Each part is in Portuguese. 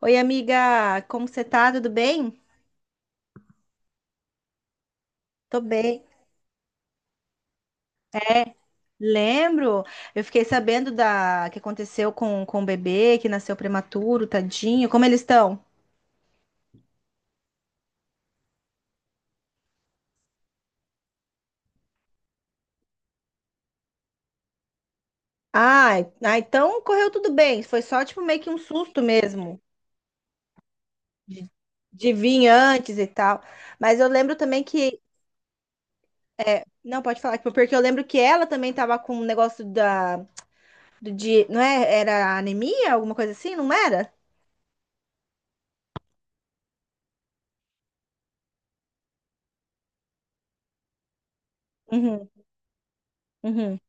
Oi, amiga, como você tá? Tudo bem? Tô bem. É, lembro. Eu fiquei sabendo da que aconteceu com o bebê que nasceu prematuro, tadinho. Como eles estão? Ai, ah, então correu tudo bem. Foi só tipo meio que um susto mesmo de, de vir antes e tal. Mas eu lembro também que não pode falar tipo, porque eu lembro que ela também tava com um negócio da do de, não é? Era anemia, alguma coisa assim, não era? Uhum, uhum,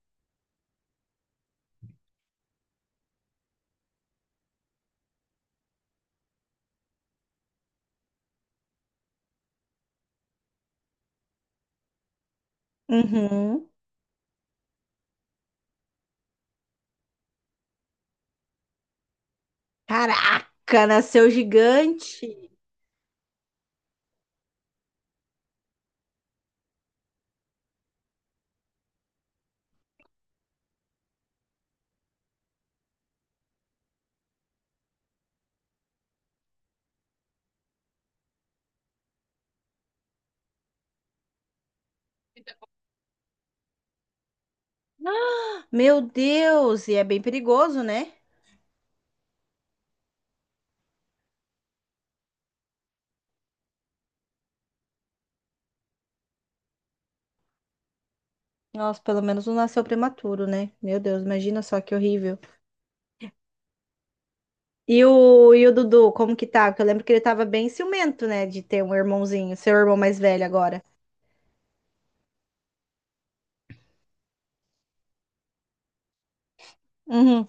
uhum. Caraca, nasceu gigante. Meu Deus, e é bem perigoso, né? Nossa, pelo menos não nasceu prematuro, né? Meu Deus, imagina só que horrível. E o Dudu, como que tá? Porque eu lembro que ele tava bem ciumento, né? De ter um irmãozinho, seu irmão mais velho agora. Uhum.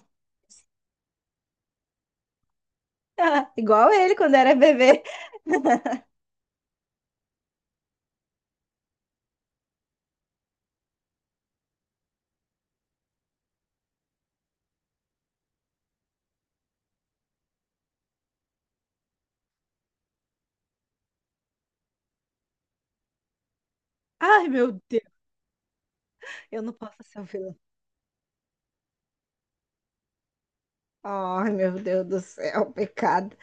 Igual ele quando era bebê. Ai, meu Deus, eu não posso ser o vilão. Ai, meu Deus do céu, pecado.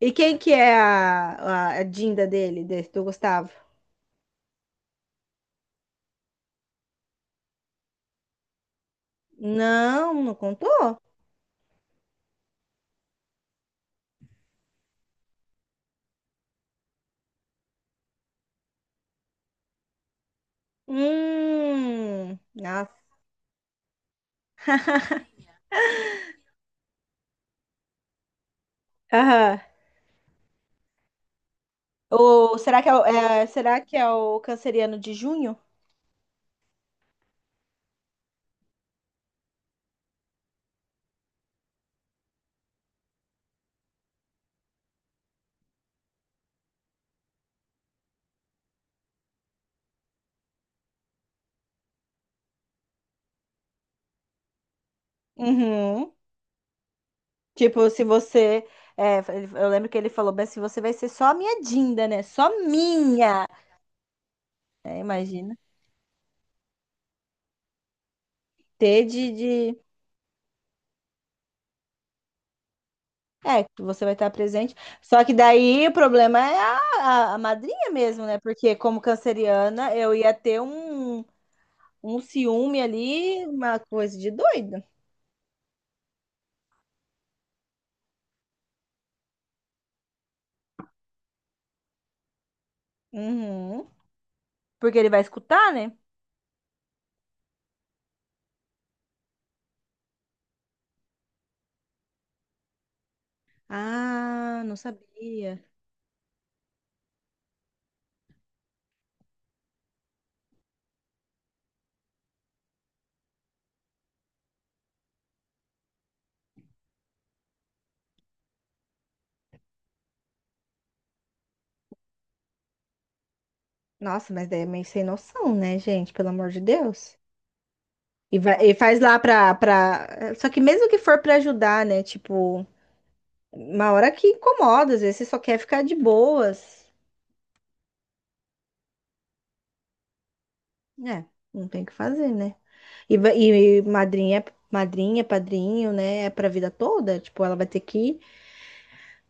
E quem que é a Dinda dele, desse, do Gustavo? Não, não contou? Nossa. Aham. Ou será que é, será que é o canceriano de junho? Uhum. Tipo, se você. Eu lembro que ele falou bem assim: você vai ser só a minha Dinda, né? Só minha. É, imagina. Ter de, de. É, que você vai estar presente. Só que daí o problema é a madrinha mesmo, né? Porque como canceriana, eu ia ter um ciúme ali, uma coisa de doido. Uhum. Porque ele vai escutar, né? Ah, não sabia. Nossa, mas daí é meio sem noção, né, gente? Pelo amor de Deus. E, vai, e faz lá pra. Só que mesmo que for pra ajudar, né? Tipo, uma hora que incomoda, às vezes você só quer ficar de boas. É, não tem o que fazer, né? E madrinha, padrinho, né? É pra vida toda. Tipo, ela vai ter que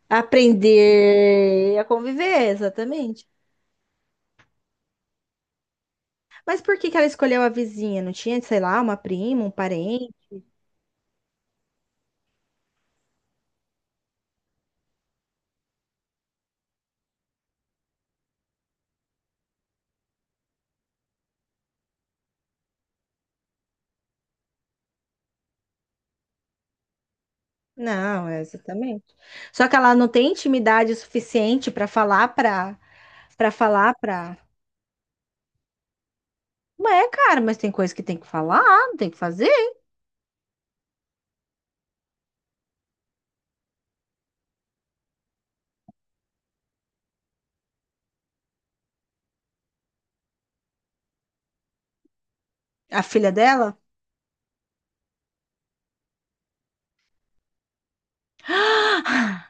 aprender a conviver, exatamente. Mas por que que ela escolheu a vizinha? Não tinha, sei lá, uma prima, um parente? Não, é exatamente. Só que ela não tem intimidade suficiente para falar para para falar para. É, cara, mas tem coisa que tem que falar, não tem que fazer. A filha dela?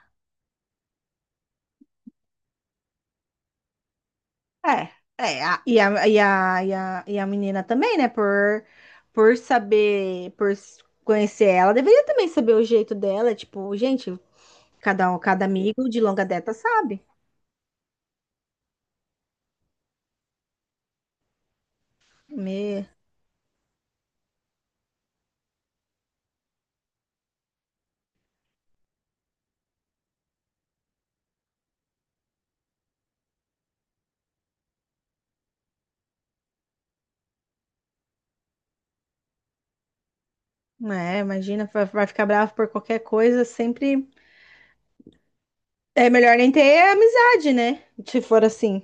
É, é, a- e a, e a, e a, e a menina também, né? Por saber, conhecer ela, deveria também saber o jeito dela. Tipo, gente, cada um, cada amigo de longa data sabe. Me, é, imagina, vai vai ficar bravo por qualquer coisa, sempre. É melhor nem ter amizade, né? Se for assim.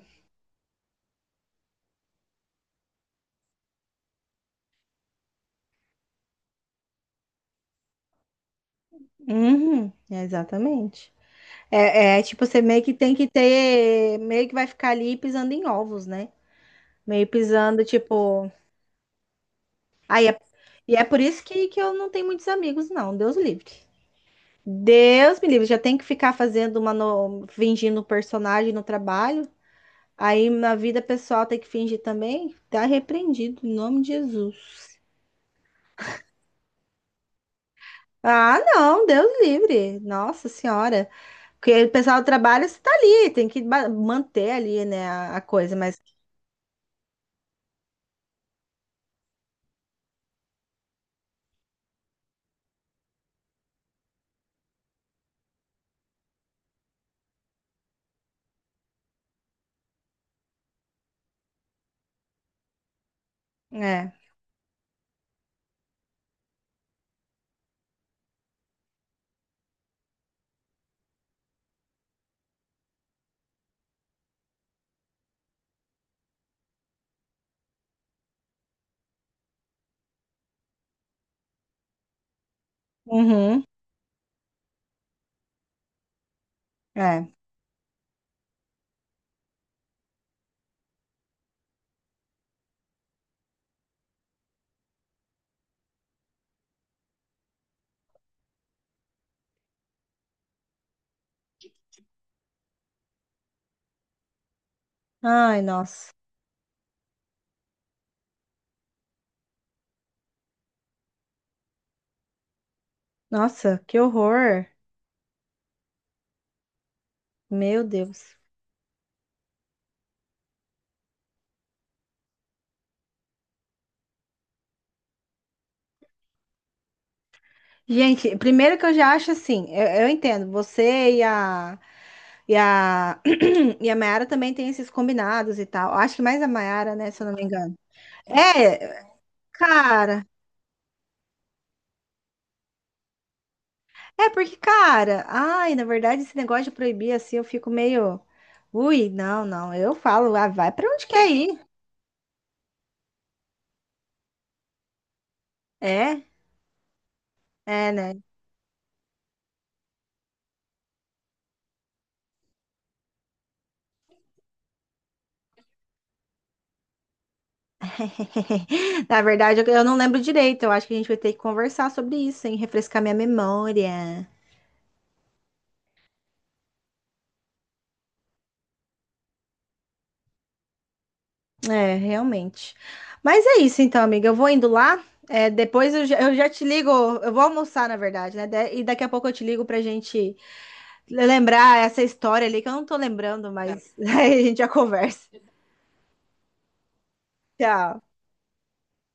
Uhum, exatamente. É, é tipo, você meio que tem que ter. Meio que vai ficar ali pisando em ovos, né? Meio pisando, tipo. Aí é- E é por isso que eu não tenho muitos amigos, não. Deus livre. Deus me livre. Já tem que ficar fazendo uma. No... Fingindo um personagem no trabalho. Aí na vida pessoal tem que fingir também. Tá repreendido, em nome de Jesus. Ah, não, Deus livre. Nossa Senhora. Porque o pessoal trabalha, você tá ali, tem que manter ali, né, a coisa, mas é. Uhum, é. Ai, nossa. Nossa, que horror. Meu Deus. Gente, primeiro que eu já acho assim, eu entendo, você e a e a Mayara também tem esses combinados e tal. Acho que mais a Mayara, né, se eu não me engano. É, cara. É porque, cara, ai, na verdade esse negócio de proibir assim, eu fico meio. Ui, não. Eu falo, ah, vai pra onde quer ir. É. É, né? Na verdade, eu não lembro direito. Eu acho que a gente vai ter que conversar sobre isso, hein? Refrescar minha memória. É, realmente. Mas é isso então, amiga. Eu vou indo lá. É, depois eu já te ligo. Eu vou almoçar, na verdade, né? E daqui a pouco eu te ligo pra gente lembrar essa história ali que eu não tô lembrando, tá, mas aí a gente já conversa. Tchau.